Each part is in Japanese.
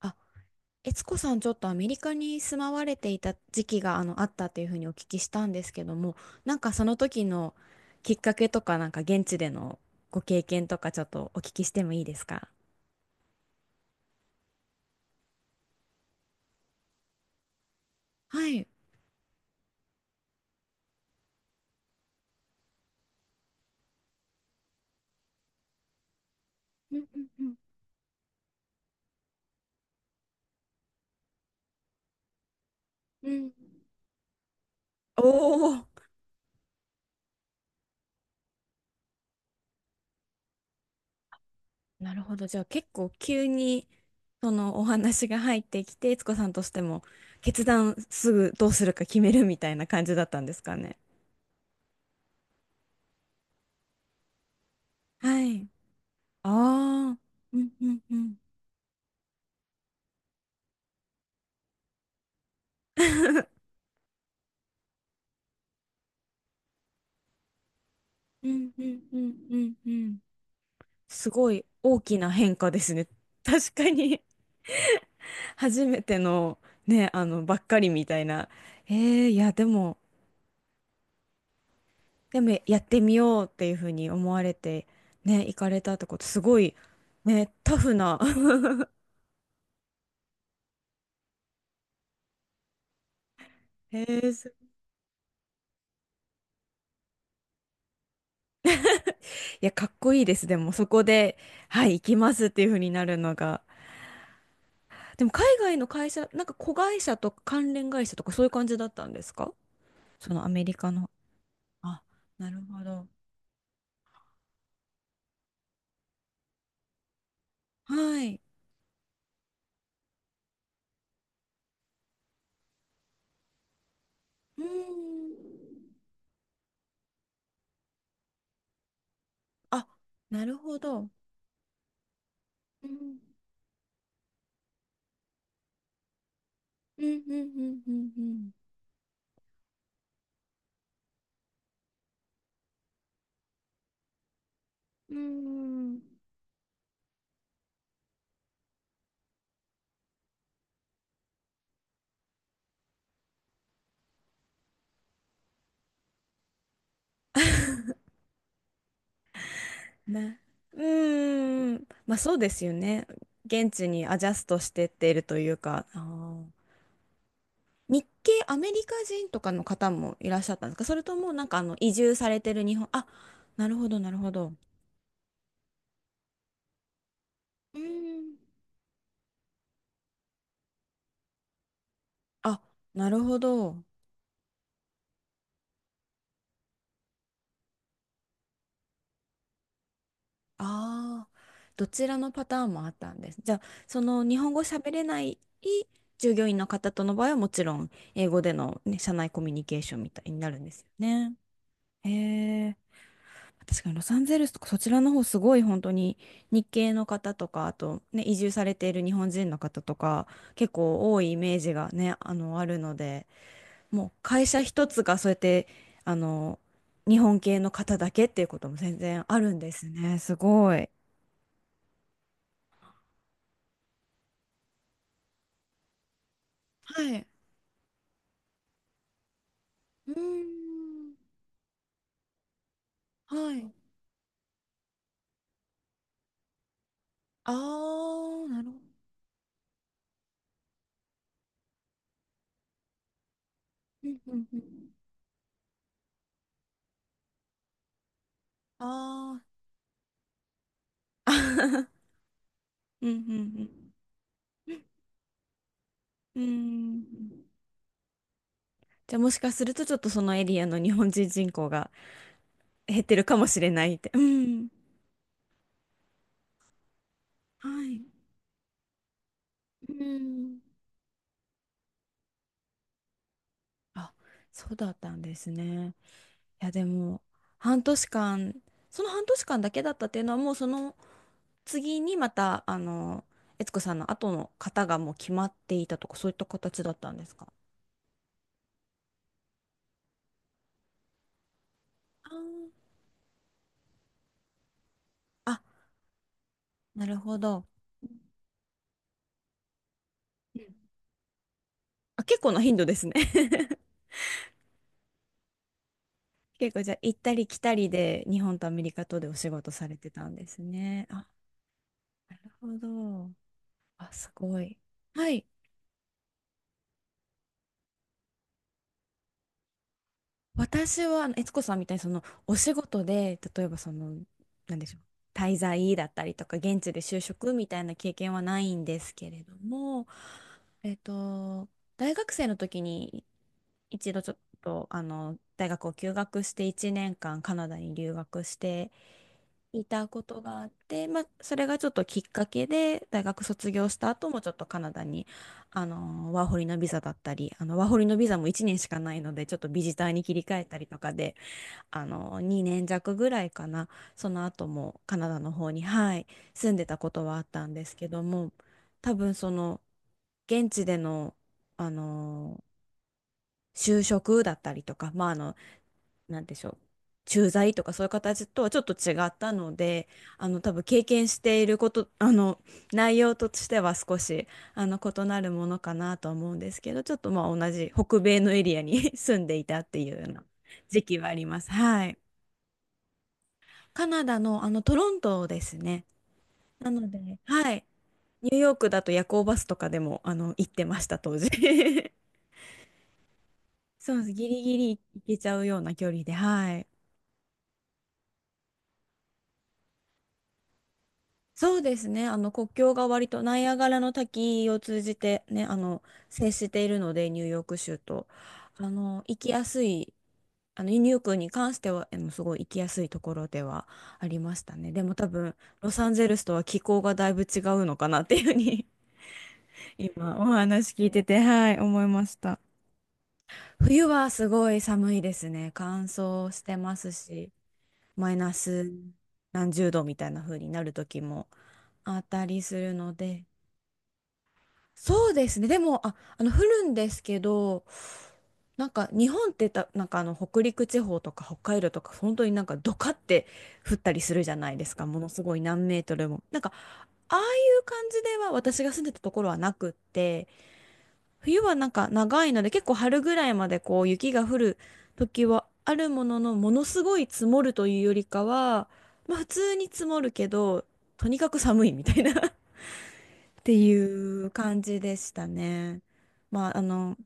あ、悦子さん、ちょっとアメリカに住まわれていた時期があったというふうにお聞きしたんですけども、なんかその時のきっかけとか、なんか現地でのご経験とか、ちょっとお聞きしてもいいですか？はい。うんうんうんうん。おお、なるほど。じゃあ結構急にそのお話が入ってきて、悦子さんとしても決断すぐどうするか決めるみたいな感じだったんですかね。はい。ああ、うんうんうん。うんうんうんうんうん。すごい大きな変化ですね。確かに。 初めてのね、あの、ばっかりみたいな。えー、いや、でも、でもやってみようっていうふうに思われて、ね、行かれたってこと、すごい、ね、タフな。 えー、す、いや、かっこいいです。でも、そこで、はい、行きますっていうふうになるのが。でも、海外の会社、なんか子会社とか関連会社とかそういう感じだったんですか？そのアメリカの。あ、なるほど。はい。うん。あ、なるほど。うん。うんうんうんうんうん、うん。ね。うーん。まあそうですよね。現地にアジャストしてっているというか、あー、日系アメリカ人とかの方もいらっしゃったんですか？それともなんかあの移住されてる日本、あ、なるほどなるほど。うーん、あ、なるほど。ああ、どちらのパターンもあったんです。じゃあ、その日本語喋れない従業員の方との場合はもちろん英語での、ね、社内コミュニケーションみたいになるんですよね。へえ、確かにロサンゼルスとかそちらの方すごい本当に日系の方とか、あとね、移住されている日本人の方とか結構多いイメージがね、あの、あるので、もう会社一つがそうやって、あの、日本系の方だけっていうことも全然あるんですね。すごい。はい、うーん。はい。ああ、なるほど。うんうんうん。ああ。うんうんうん。うーん。じゃあもしかするとちょっとそのエリアの日本人人口が減ってるかもしれないって。うん。はい。うん。あ、そうだったんですね。いやでも半年間、その半年間だけだったっていうのはもうその次にまたあの、悦子さんの後の方がもう決まっていたとかそういった形だったんですか？あー、あ、なるほど。うん。あ、結構な頻度ですね。 結構じゃあ行ったり来たりで日本とアメリカとでお仕事されてたんですね。あ、なるほど。あ、すごい。はい。私は、あの悦子さんみたいに、その、お仕事で、例えば、その、なんでしょう、滞在だったりとか、現地で就職みたいな経験はないんですけれども、えっと、大学生の時に、一度ちょっと、あの、大学を休学して、1年間カナダに留学していたことがあって、まあ、それがちょっときっかけで大学卒業した後もちょっとカナダに、あのワーホリのビザだったり、あのワーホリのビザも1年しかないのでちょっとビジターに切り替えたりとかで、あの2年弱ぐらいかな、その後もカナダの方に、はい、住んでたことはあったんですけども、多分その現地での、あの就職だったりとか、まあ、あの、なんでしょう、駐在とかそういう形とはちょっと違ったので、あの多分経験していること、あの内容としては少しあの異なるものかなとは思うんですけど、ちょっとまあ同じ北米のエリアに 住んでいたっていうような時期はあります。はい。カナダのあのトロントですね。なので、はい。ニューヨークだと夜行バスとかでもあの行ってました、当時。そうです。ギリギリ行けちゃうような距離で、はい。そうですね。あの国境が割とナイアガラの滝を通じてね、あの接しているので、ニューヨーク州と。あの行きやすい、あのニューヨークに関しては、あのすごい行きやすいところではありましたね。でも多分、ロサンゼルスとは気候がだいぶ違うのかなっていうふうに 今お話聞いてて、はい、思いました。冬はすごい寒いですね。乾燥してますし、マイナス何十度みたいな風になる時もあったりするので。そうですね。でも、あ、あの、降るんですけど、なんか日本ってた、なんかあの北陸地方とか北海道とか本当になんかドカって降ったりするじゃないですか。ものすごい何メートルも。なんかああいう感じでは私が住んでたところはなくって、冬はなんか長いので結構春ぐらいまでこう雪が降る時はあるものの、ものすごい積もるというよりかは、まあ普通に積もるけど、とにかく寒いみたいなっていう感じでしたね。まあ、あの、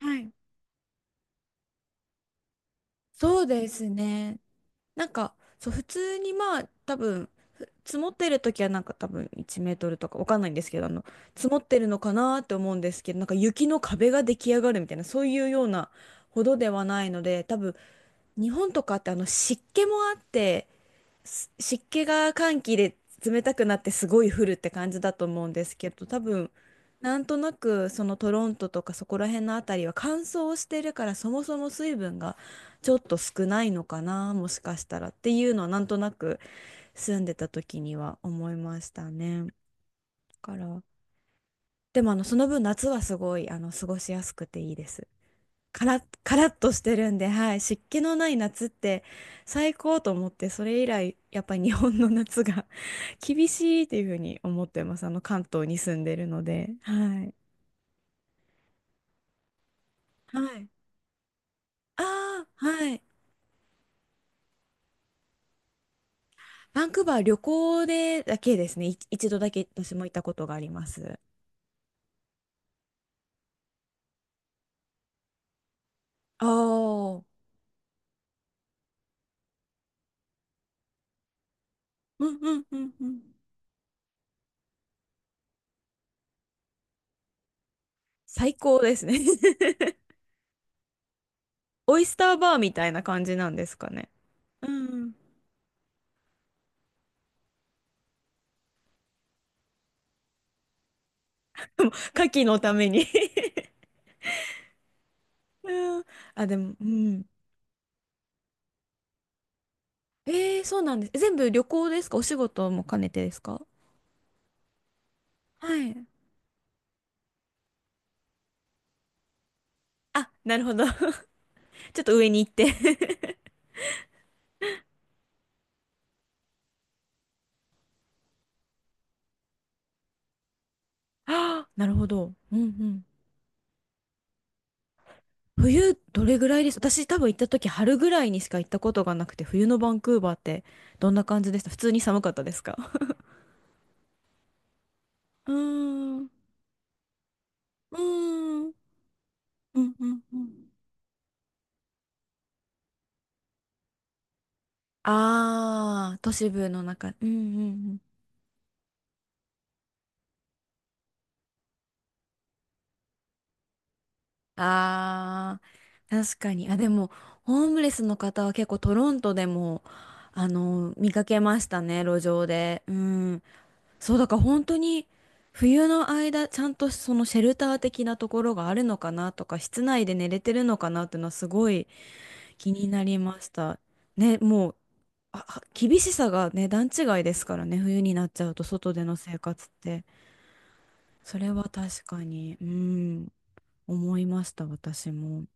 はい。そうですね。なんか、そう、普通にまあ、多分、ふ積もってる時はなんか多分1メートルとかわかんないんですけど、あの、積もってるのかなって思うんですけど、なんか雪の壁が出来上がるみたいな、そういうようなほどではないので、多分、日本とかってあの湿気もあって、す湿気が寒気で冷たくなってすごい降るって感じだと思うんですけど、多分なんとなくそのトロントとかそこら辺のあたりは乾燥してるからそもそも水分がちょっと少ないのかな、もしかしたらっていうのはなんとなく住んでた時には思いましたね。だから、でもあのその分夏はすごいあの過ごしやすくていいです。カラッ、カラッとしてるんで、はい、湿気のない夏って最高と思って、それ以来、やっぱり日本の夏が 厳しいっていうふうに思ってます。あの、関東に住んでるので。はい。はい。ああ、はい。バンクーバー旅行でだけですね。い、一度だけ私も行ったことがあります。ああ、うんうんうんうん。最高ですね。 オイスターバーみたいな感じなんですかね。うん。牡蠣のために。 うん。あ、でも、うん。えー、そうなんです。え、全部旅行ですか？お仕事も兼ねてですか？はい。あ、なるほど。ちょっと上に行って。 あー、 なるほど。うんうん。冬、どれぐらいです？私多分行った時春ぐらいにしか行ったことがなくて、冬のバンクーバーってどんな感じでした？普通に寒かったですか？うーん、うーん、うん、うん、うん。あー、都市部の中。うん、うん、あー、確かに。あ、でも、ホームレスの方は結構トロントでも、あの、見かけましたね、路上で。うん。そう、だから本当に、冬の間、ちゃんとそのシェルター的なところがあるのかなとか、室内で寝れてるのかなっていうのはすごい気になりました。ね、もう、あ、あ、厳しさがね、段違いですからね、冬になっちゃうと外での生活って。それは確かに、うん、思いました、私も。